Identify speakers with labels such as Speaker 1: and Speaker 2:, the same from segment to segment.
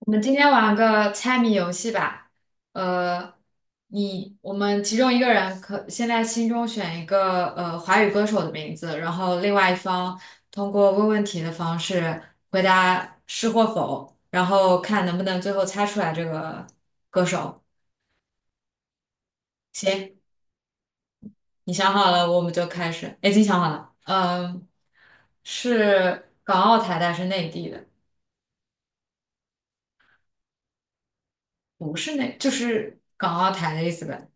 Speaker 1: 我们今天玩个猜谜游戏吧。呃，你我们其中一个人可现在心中选一个华语歌手的名字，然后另外一方通过问问题的方式回答是或否，然后看能不能最后猜出来这个歌手。行，你想好了，我们就开始。哎已经想好了，嗯，是港澳台的还是内地的？不是内，就是港澳台的意思呗。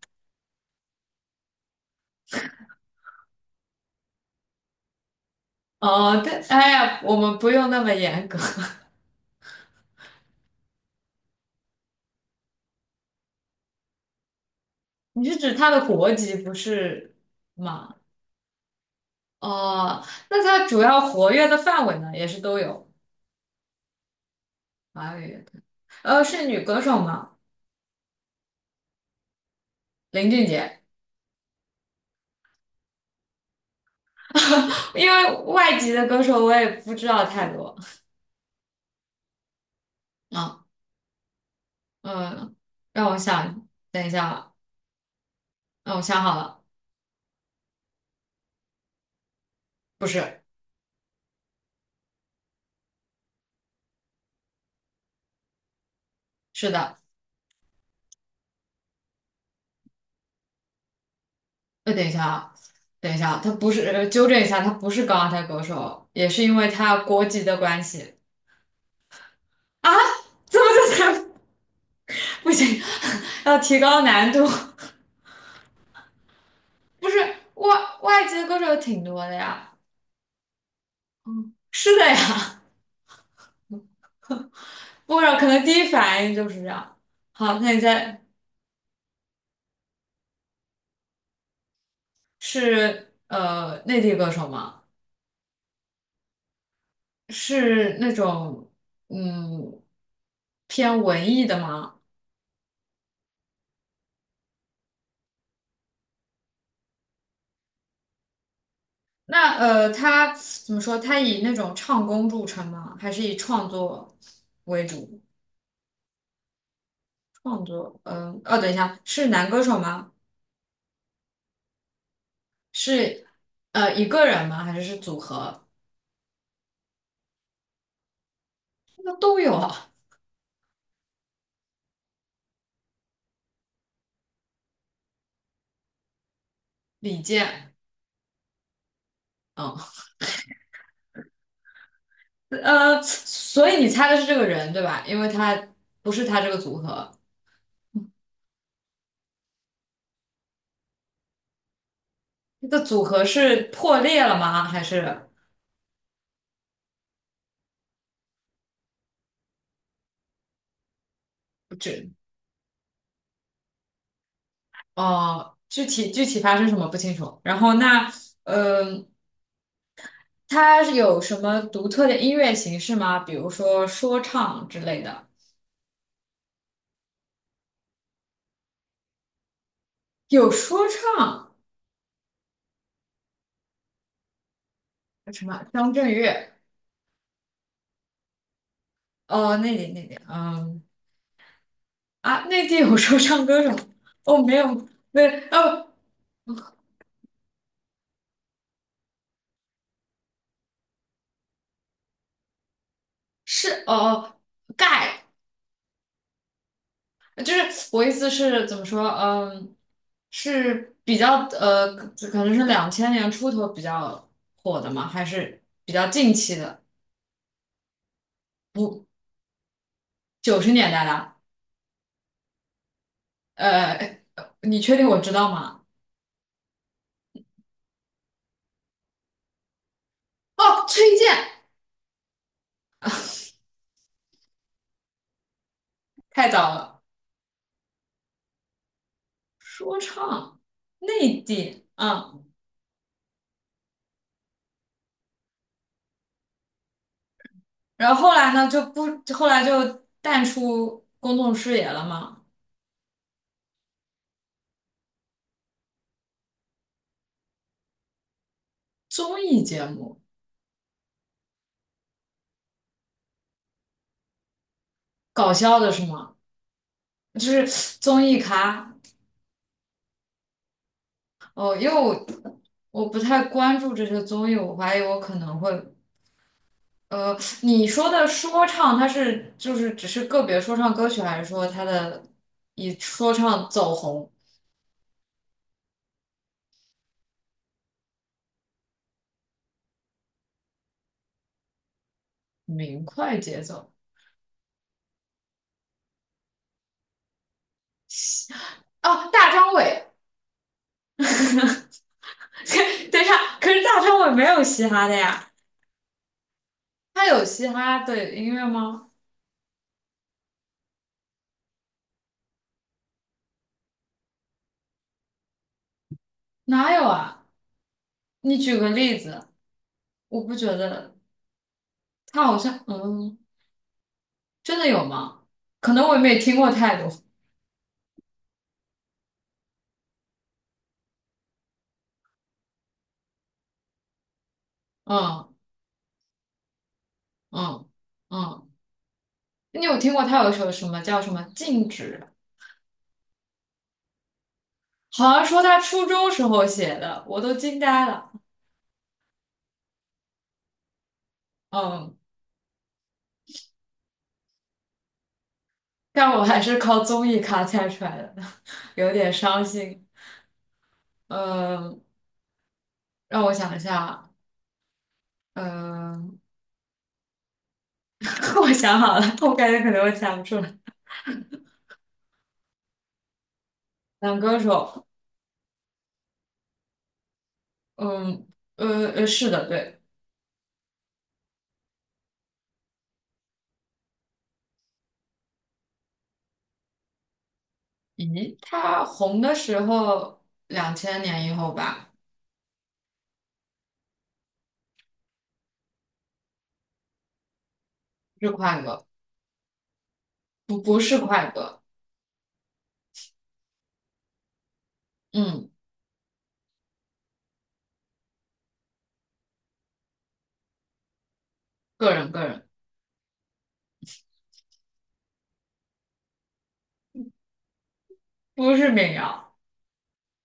Speaker 1: 哦，对，哎呀，我们不用那么严格。你是指他的国籍不是吗？哦，那他主要活跃的范围呢，也是都有华语乐队是女歌手吗？林俊杰，因为外籍的歌手我也不知道太多。啊，嗯，让我想，等一下啊，让我想好了，不是，是的，等一下啊，他不是，纠正一下，他不是港澳台歌手，也是因为他国籍的关系。啊，怎么就才不行？要提高难度。不是外外籍的歌手挺多的呀。是的呀，不知道可能第一反应就是这样。好，那你在是内地歌手吗？是那种嗯偏文艺的吗？那他怎么说？他以那种唱功著称吗？还是以创作为主？创作，嗯，哦，等一下，是男歌手吗？是一个人吗？还是是组合？那都有啊。李健，嗯，所以你猜的是这个人对吧？因为他不是他这个组合，这个组合是破裂了吗？还是不知？哦，具体发生什么不清楚。然后那，嗯、他是有什么独特的音乐形式吗？比如说说唱之类的？有说唱，什么张震岳？哦，那里那里，嗯。啊，内地有说唱歌手？哦，没有，没有，哦，是哦，哦，盖，就是我意思是怎么说？嗯，是比较可能是两千年出头比较火的嘛，还是比较近期的？不，九十年代的。呃，你确定我知道吗？哦，崔健，太早了，说唱，内地，啊，然后后来呢，就不，后来就淡出公众视野了嘛。综艺节目，搞笑的是吗？就是综艺咖哦，因为我不太关注这些综艺，我怀疑我可能会呃，你说的说唱，它是就是只是个别说唱歌曲，还是说它的以说唱走红，明快节奏？哦，大张伟，等一下，可是大张伟没有嘻哈的呀，他有嘻哈的音乐吗？哪有啊？你举个例子，我不觉得他好像嗯。真的有吗？可能我也没听过太多。嗯嗯嗯，你有听过他有一首什么叫什么《静止》？好像说他初中时候写的，我都惊呆了。嗯，但我还是靠综艺咖猜出来的，有点伤心。嗯，让我想一下。嗯，我想好了，我感觉可能我猜不出来。男歌手，嗯，是的，对。咦，他红的时候，两千年以后吧，是快歌。不快歌，嗯，个人不是民谣，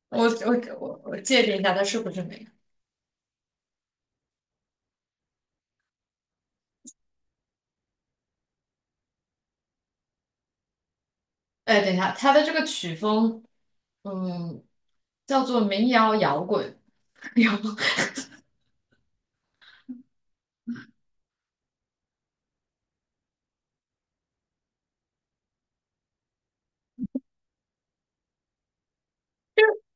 Speaker 1: 我界定一下它是不是民谣。哎，等一下，它的这个曲风，嗯，叫做民谣摇滚，摇滚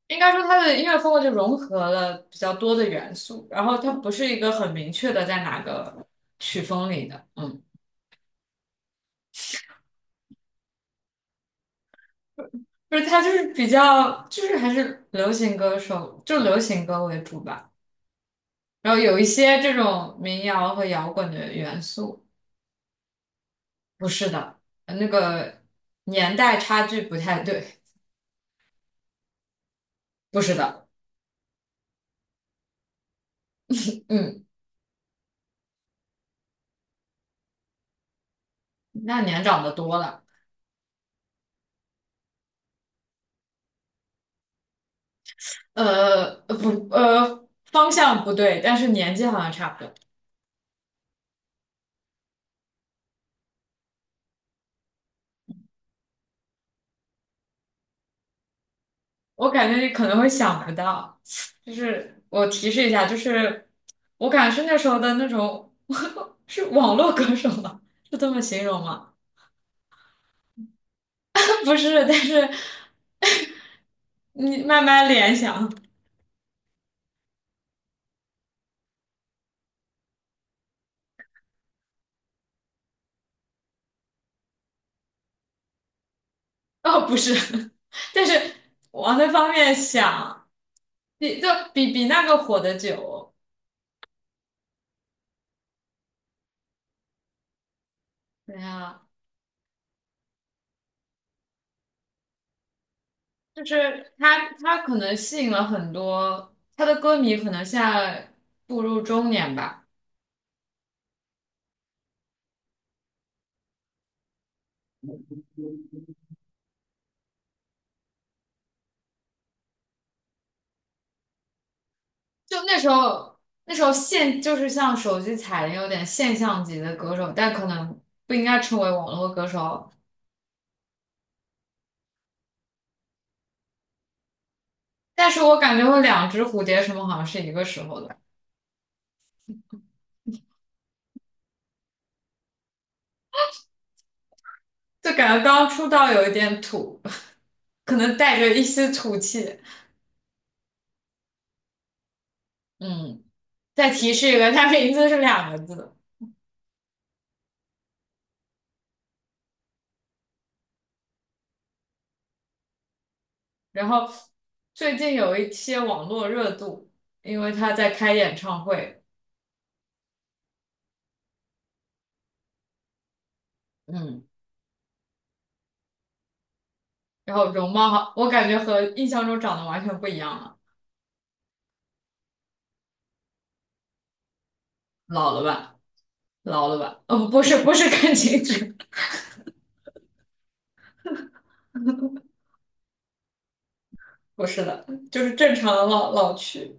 Speaker 1: 应该说它的音乐风格就融合了比较多的元素，然后它不是一个很明确的在哪个曲风里的，嗯，不是它就是比较就是还是流行歌手，就流行歌为主吧，然后有一些这种民谣和摇滚的元素。不是的，那个年代差距不太对，不是的，嗯，那年长的多了，不，方向不对，但是年纪好像差不多。我感觉你可能会想不到，就是我提示一下，就是我感觉是那时候的那种 是网络歌手吗？是这么形容吗？不是，但是你慢慢联想，哦，不是，但是往那方面想。比那个火的久对呀，就是他可能吸引了很多他的歌迷，可能现在步入中年吧。就那时候那时候现就是像手机彩铃有点现象级的歌手，但可能不应该称为网络歌手。但是我感觉我两只蝴蝶什么好像是一个时候的，就感觉刚出道有一点土，可能带着一丝土气。嗯，再提示一个，他名字是两个字。然后最近有一些网络热度，因为他在开演唱会，嗯，然后容貌好，我感觉和印象中长得完全不一样了，老了吧，老了吧，哦，不，不是，不是感情质，不是的，就是正常的老去。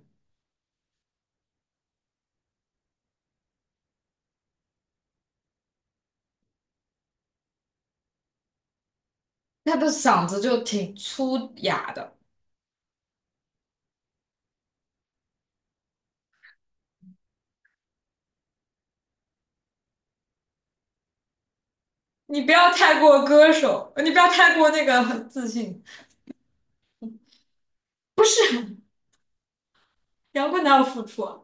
Speaker 1: 他的嗓子就挺粗哑的，你不要太过歌手，你不要太过那个自信。摇滚哪有付出啊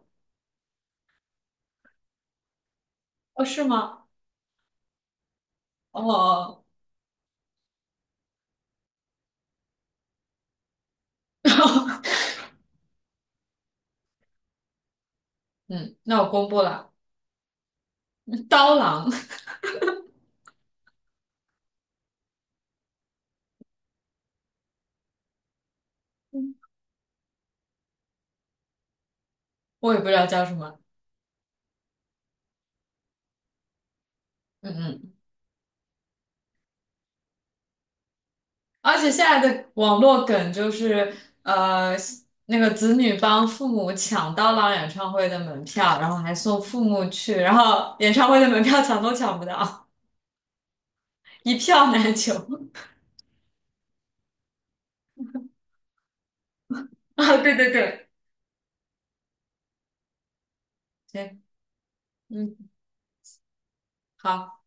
Speaker 1: 哦，是吗？哦，嗯，那我公布了，刀郎，我也不知道叫什么。嗯嗯，而且现在的网络梗就是，呃，那个子女帮父母抢到了演唱会的门票，然后还送父母去，然后演唱会的门票抢都抢不到，一票难求。啊，对对对，行，嗯，好。